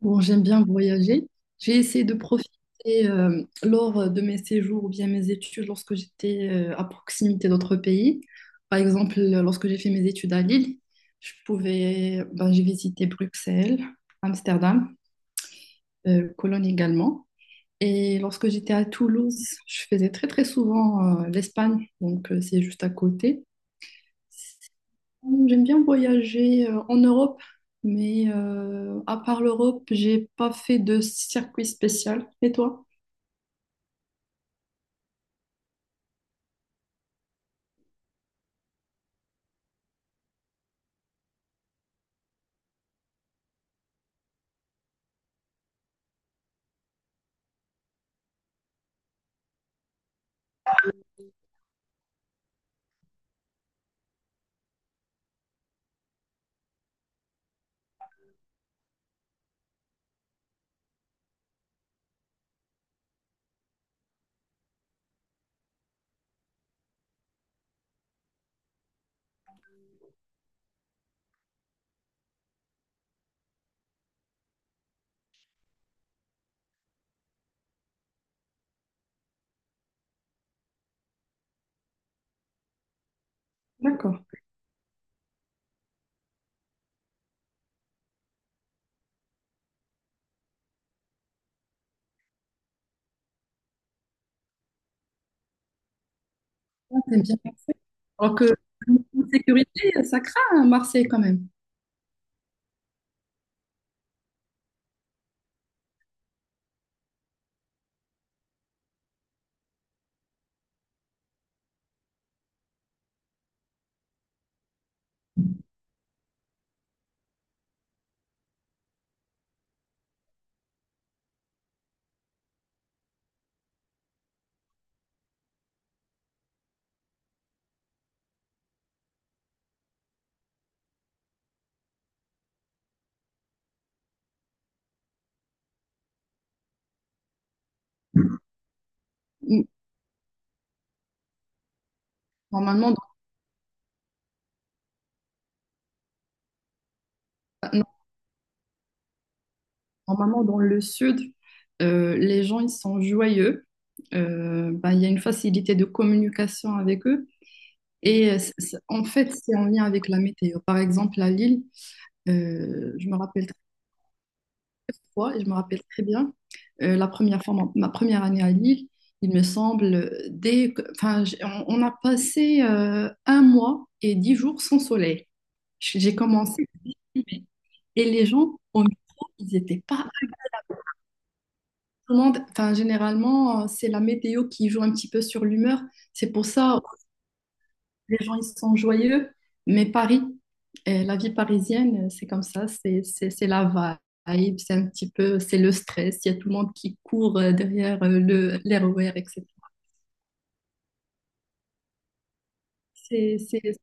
Bon, j'aime bien voyager. J'ai essayé de profiter lors de mes séjours ou bien mes études lorsque j'étais à proximité d'autres pays. Par exemple, lorsque j'ai fait mes études à Lille, je pouvais, ben, j'ai visité Bruxelles, Amsterdam, Cologne également. Et lorsque j'étais à Toulouse, je faisais très très souvent l'Espagne, donc c'est juste à côté. J'aime bien voyager en Europe, mais à part l'Europe, j'ai pas fait de circuit spécial. Et toi? D'accord. Ah, t'aimes bien. Alors que en sécurité, ça craint à Marseille quand même. Normalement, dans, dans le sud, les gens ils sont joyeux. Bah, il y a une facilité de communication avec eux. Et en fait, c'est en lien avec la météo. Par exemple, à Lille, je me rappelle fois, et je me rappelle très bien, la première fois, ma première année à Lille, il me semble, enfin, on a passé un mois et 10 jours sans soleil. J'ai commencé, et les gens au micro, ils n'étaient pas à la commande. Enfin, généralement, c'est la météo qui joue un petit peu sur l'humeur. C'est pour ça, les gens ils sont joyeux, mais Paris, la vie parisienne, c'est comme ça, c'est la vibe, c'est un petit peu, c'est le stress, il y a tout le monde qui court derrière le l'RER, etc. C'est c'est-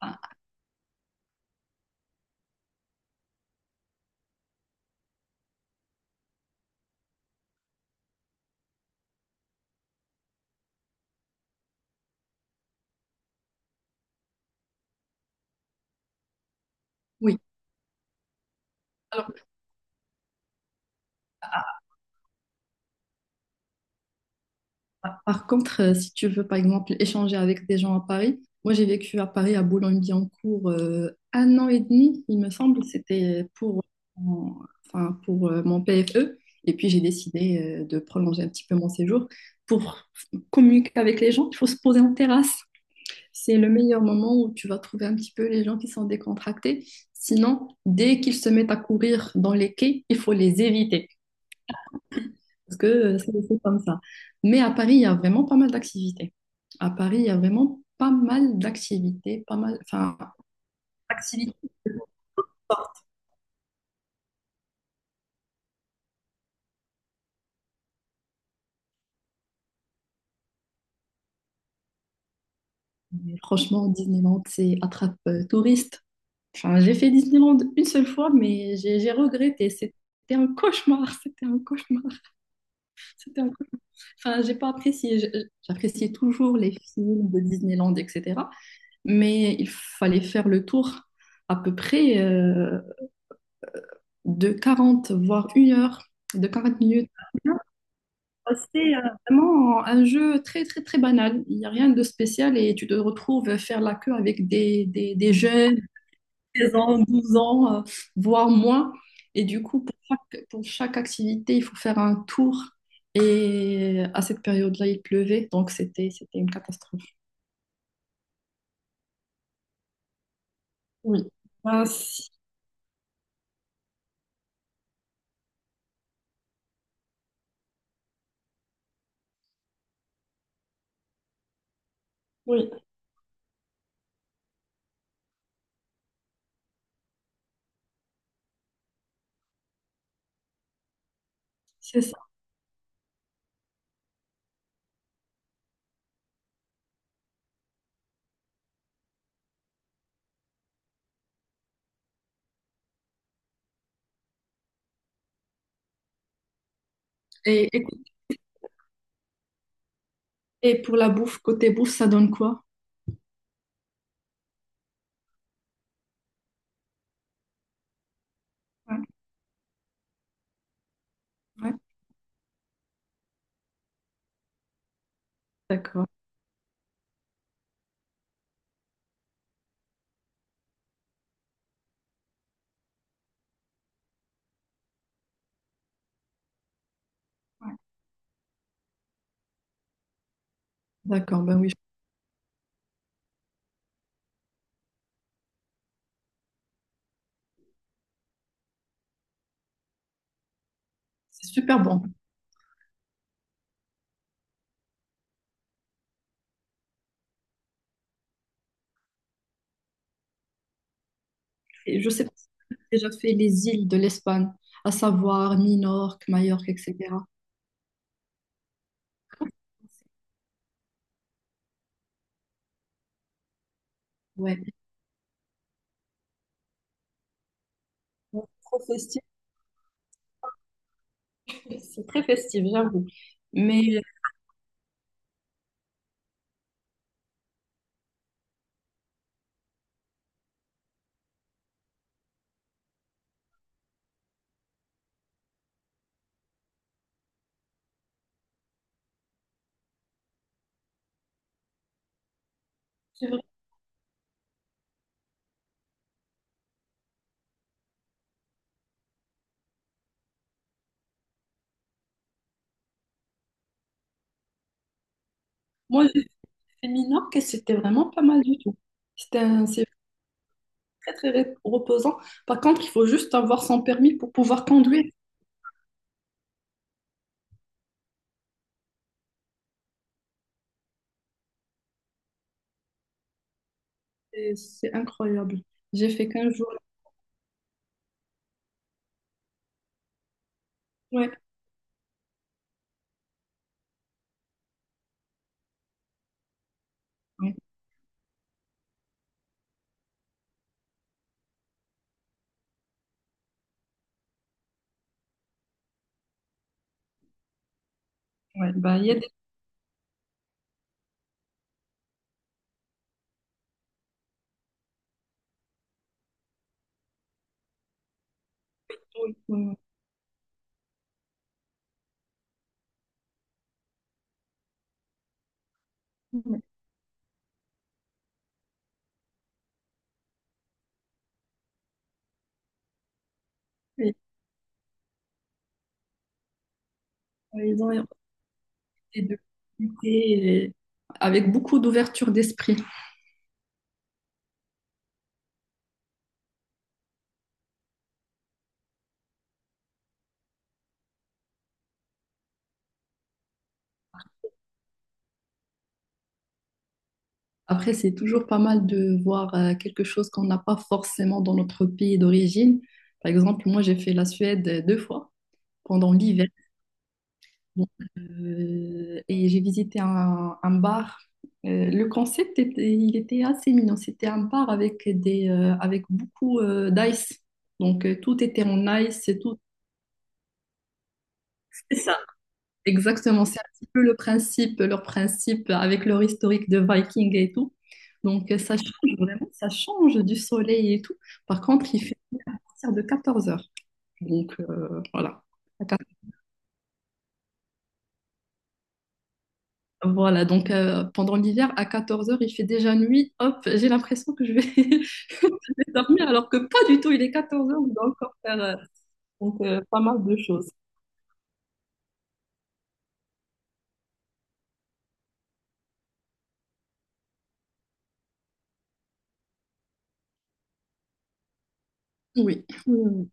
ah, oui. Alors, par contre, si tu veux, par exemple, échanger avec des gens à Paris, moi j'ai vécu à Paris, à Boulogne-Billancourt, un an et demi, il me semble. C'était pour, mon- enfin, pour mon PFE. Et puis j'ai décidé de prolonger un petit peu mon séjour. Pour communiquer avec les gens, il faut se poser en terrasse. C'est le meilleur moment où tu vas trouver un petit peu les gens qui sont décontractés. Sinon, dès qu'ils se mettent à courir dans les quais, il faut les éviter parce que c'est comme ça. Mais à Paris, il y a vraiment pas mal d'activités. À Paris, il y a vraiment pas mal d'activités, pas mal, enfin, activités. Mais franchement, Disneyland, c'est attrape touriste. Enfin, j'ai fait Disneyland une seule fois, mais j'ai regretté. C'était un cauchemar, c'était un cauchemar, c'était un cauchemar. Enfin, j'ai pas apprécié. J'appréciais toujours les films de Disneyland, etc. Mais il fallait faire le tour à peu près de 40, voire 1 heure, de 40 minutes. Ah, c'est vraiment un jeu très, très, très banal. Il n'y a rien de spécial et tu te retrouves faire la queue avec des jeunes, 16 ans, 12 ans, voire moins. Et du coup, pour chaque activité, il faut faire un tour. Et à cette période-là, il pleuvait, donc c'était une catastrophe. Oui. Ah, si. Oui, c'est ça. Et, et, et pour la bouffe, côté bouffe, ça donne quoi? Ouais, ouais. D'accord. Ouais. D'accord, ben oui, c'est super bon. Et je sais pas si tu as déjà fait les îles de l'Espagne, à savoir Minorque, Majorque, etc. Ouais. Ouais, bon, trop festif, c'est très festif, j'avoue. Mais c'est vrai, moi, j'ai fait Minorque et c'était vraiment pas mal du tout. C'est très, très, reposant. Par contre, il faut juste avoir son permis pour pouvoir conduire. C'est incroyable. J'ai fait 15 jours. Ouais, ouais, ouais. Bah, il y a des tours. Ouais, ouais. Et, ils ont des deux activités. Et, avec beaucoup d'ouverture d'esprit. Après, c'est toujours pas mal de voir quelque chose qu'on n'a pas forcément dans notre pays d'origine. Par exemple, moi, j'ai fait la Suède deux fois pendant l'hiver. Donc, et j'ai visité un bar. Le concept était, il était assez mignon. C'était un bar avec avec beaucoup d'ice. Donc, tout était en ice, tout. Exactement, c'est un petit peu le principe, leur principe avec leur historique de Viking et tout. Donc ça change vraiment, ça change du soleil et tout. Par contre, il fait partir de 14 heures. Donc voilà. À 14 Voilà, donc pendant l'hiver, à 14 heures, il fait déjà nuit. Hop, j'ai l'impression que je vais, je vais dormir alors que pas du tout, il est 14 heures, on doit encore faire donc, pas mal de choses. Oui, oui, oui. Oui.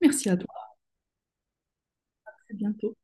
Merci à toi, à bientôt.